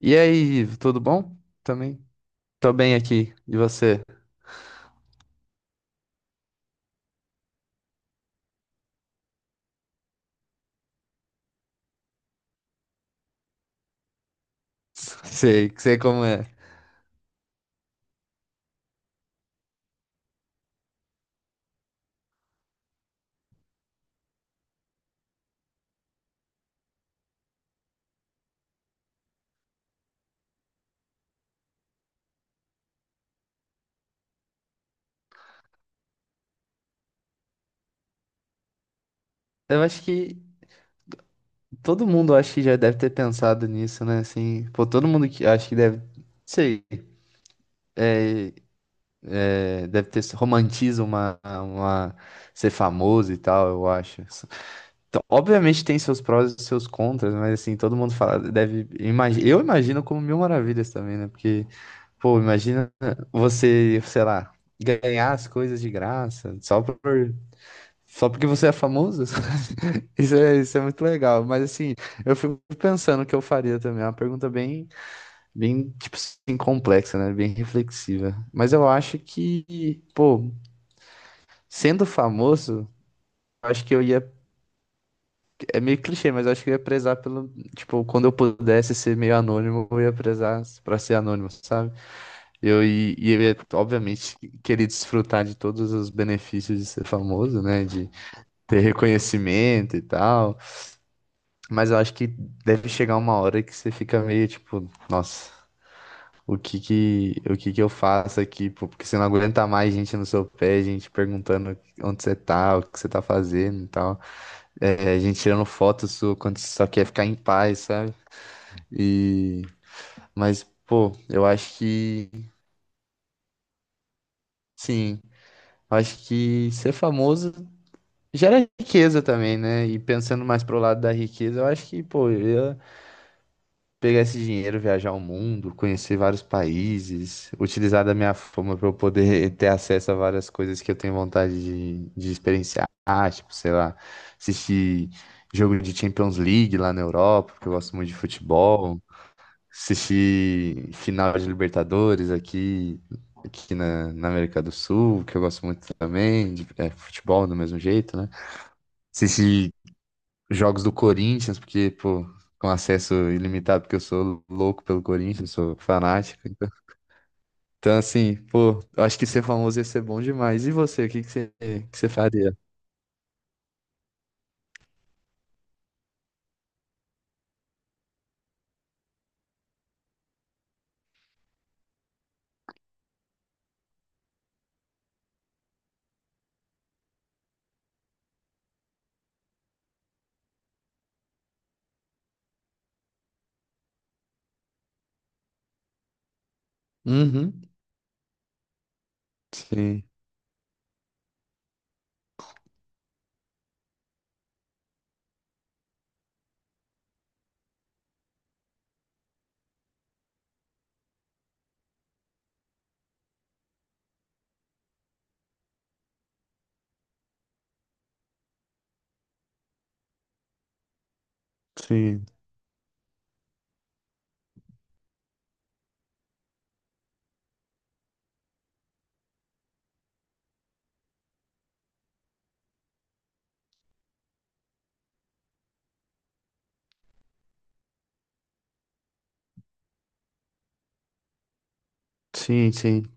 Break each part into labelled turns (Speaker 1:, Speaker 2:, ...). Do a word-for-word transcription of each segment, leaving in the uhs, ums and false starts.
Speaker 1: E aí, Ivo, tudo bom? Também tô bem aqui. E você? Sei, sei como é. Eu acho que todo mundo acho que já deve ter pensado nisso, né? Assim, pô, todo mundo que acho que deve, sei, é, deve ter romantiza uma, uma ser famoso e tal, eu acho. Então, obviamente tem seus prós e seus contras, mas assim, todo mundo fala, deve, imagi- eu imagino como mil maravilhas também, né? Porque, pô, imagina você, sei lá, ganhar as coisas de graça, só por. Só porque você é famoso? Isso é, isso é muito legal. Mas assim, eu fico pensando o que eu faria também. É uma pergunta bem, bem, tipo assim, complexa, né? Bem reflexiva. Mas eu acho que, pô, sendo famoso, eu acho que eu ia. É meio clichê, mas eu acho que eu ia prezar pelo. Tipo, quando eu pudesse ser meio anônimo, eu ia prezar pra ser anônimo, sabe? Eu i- e eu ia, obviamente, querer desfrutar de todos os benefícios de ser famoso, né? De ter reconhecimento e tal. Mas eu acho que deve chegar uma hora que você fica meio tipo, nossa, o que que, o que que eu faço aqui, pô? Porque você não aguenta mais gente no seu pé, gente perguntando onde você tá, o que você tá fazendo e tal. É, gente tirando foto sua quando você só quer ficar em paz, sabe? E... mas, pô, eu acho que, sim, eu acho que ser famoso gera riqueza também, né? E pensando mais pro lado da riqueza, eu acho que, pô, eu pegar esse dinheiro, viajar o mundo, conhecer vários países, utilizar da minha fama para eu poder ter acesso a várias coisas que eu tenho vontade de, de experienciar. Ah, tipo, sei lá, assistir jogo de Champions League lá na Europa, porque eu gosto muito de futebol, assistir final de Libertadores aqui, aqui na, na América do Sul, que eu gosto muito também, de é, futebol do mesmo jeito, né? Assistir jogos do Corinthians, porque, pô, com acesso ilimitado, porque eu sou louco pelo Corinthians, sou fanático. Então, assim, pô, eu acho que ser famoso ia ser bom demais. E você, o que que você, que você faria? Uhum. Sim, sim, sim, sim.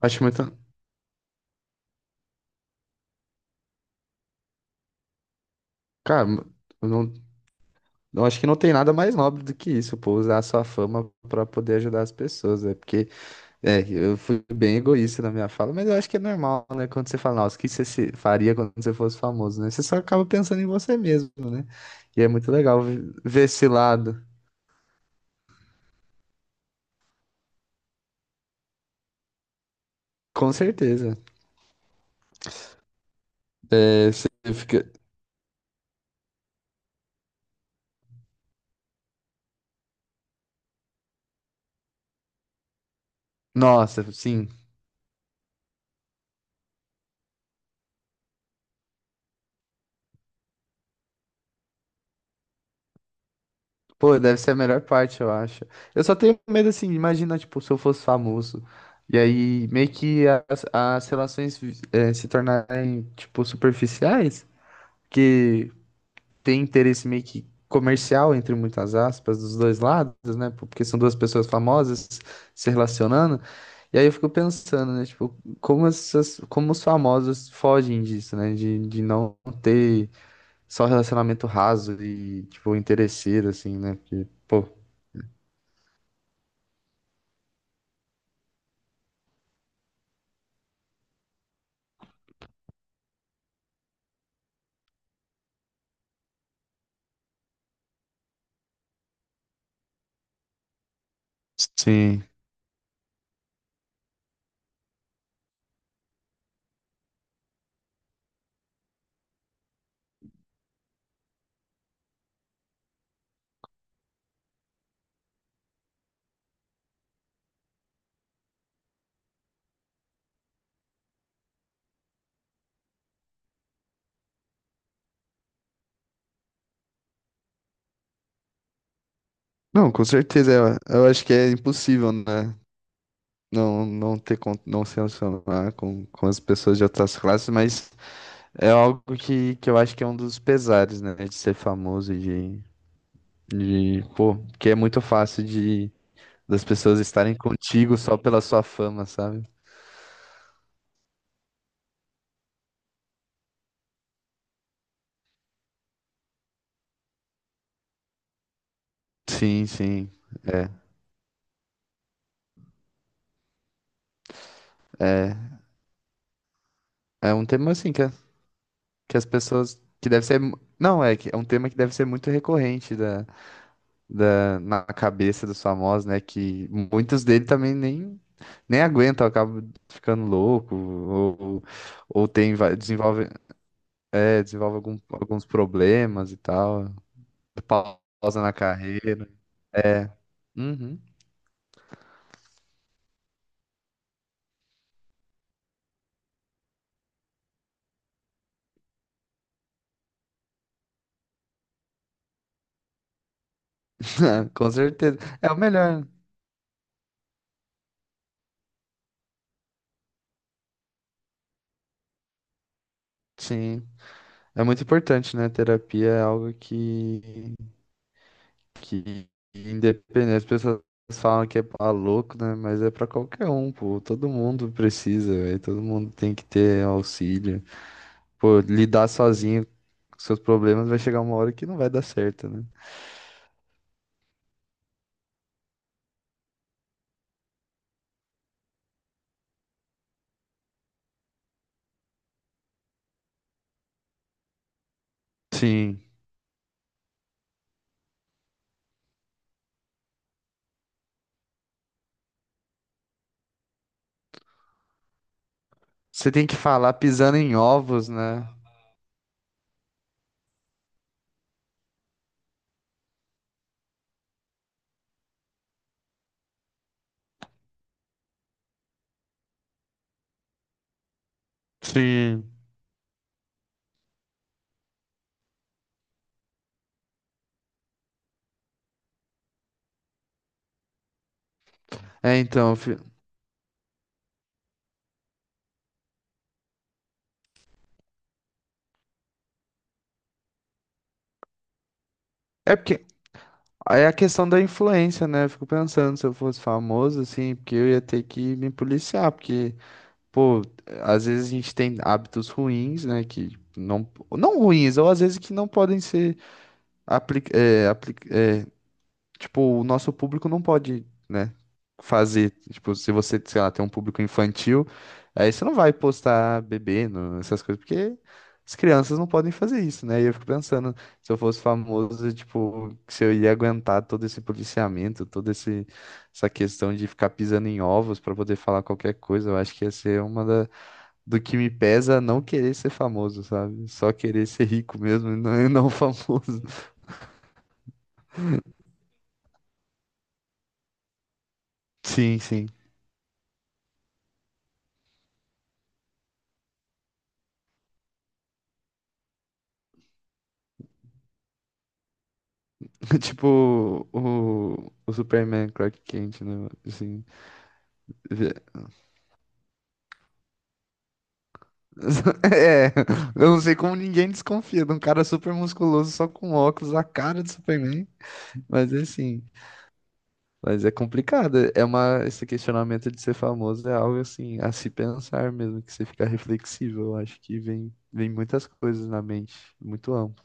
Speaker 1: Acho muito. Cara, eu não, eu acho que não tem nada mais nobre do que isso, pô, usar a sua fama pra poder ajudar as pessoas, é porque. É, eu fui bem egoísta na minha fala, mas eu acho que é normal, né? Quando você fala, nossa, o que você se- faria quando você fosse famoso, né? Você só acaba pensando em você mesmo, né? E é muito legal ve- ver esse lado. Com certeza. É, você fica. Nossa, sim. Pô, deve ser a melhor parte, eu acho. Eu só tenho medo, assim, imagina, tipo, se eu fosse famoso. E aí, meio que as, as relações, eh, se tornarem, tipo, superficiais. Que tem interesse meio que comercial, entre muitas aspas, dos dois lados, né? Porque são duas pessoas famosas se relacionando. E aí eu fico pensando, né? Tipo, como, essas, como os famosos fogem disso, né? De, de não ter só relacionamento raso e, tipo, interesseiro, assim, né? Porque, pô, sim. Não, com certeza. Eu, eu acho que é impossível, né? Não, não ter, con- não se relacionar com, com as pessoas de outras classes, mas é algo que, que eu acho que é um dos pesares, né? De ser famoso e de, de. Pô, porque é muito fácil de das pessoas estarem contigo só pela sua fama, sabe? Sim, sim. É. É, é um tema assim que, a- que as pessoas. Que deve ser. mu- Não, é que é um tema que deve ser muito recorrente da, da, na cabeça dos famosos, né? Que muitos dele também nem, nem aguentam, acabam ficando louco, ou, ou tem, vai- desenvolve. É, desenvolve algum- alguns problemas e tal. Pausa na carreira. É. Uhum. Com certeza. É o melhor. Sim. É muito importante, né? Terapia é algo que, que independente. As pessoas falam que é pra louco, né? Mas é pra qualquer um, pô. Todo mundo precisa, velho. Todo mundo tem que ter auxílio. Pô, lidar sozinho com seus problemas vai chegar uma hora que não vai dar certo, né? Sim. Você tem que falar pisando em ovos, né? Sim. É, então, fi- é porque é a questão da influência, né? Eu fico pensando se eu fosse famoso, assim, porque eu ia ter que me policiar, porque, pô, às vezes a gente tem hábitos ruins, né? Que não, não ruins, ou às vezes que não podem ser apli é, apli- é, tipo, o nosso público não pode, né, fazer, tipo, se você, sei lá, tem um público infantil, aí você não vai postar bebendo, essas coisas, porque as crianças não podem fazer isso, né? E eu fico pensando, se eu fosse famoso, tipo, se eu ia aguentar todo esse policiamento, toda esse, essa questão de ficar pisando em ovos pra poder falar qualquer coisa, eu acho que ia ser uma da, do que me pesa não querer ser famoso, sabe? Só querer ser rico mesmo e não, e não famoso. Sim, sim. Tipo o, o Superman Clark Kent, né? Assim, é, eu não sei como ninguém desconfia de um cara super musculoso só com óculos, a cara de Superman. Mas é assim, mas é complicado. É uma, esse questionamento de ser famoso é algo assim, a se pensar mesmo, que você fica reflexivo. Eu acho que vem, vem muitas coisas na mente, muito amplo.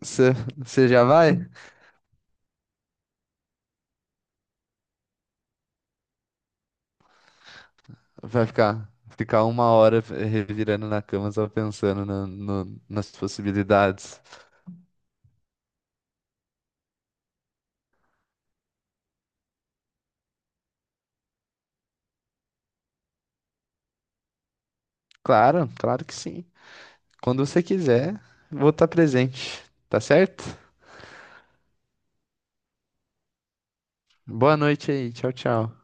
Speaker 1: Você já vai? Vai ficar, ficar uma hora revirando na cama só pensando na- no- nas possibilidades. Claro, claro que sim. Quando você quiser, vou estar presente, tá certo? Boa noite aí, tchau, tchau.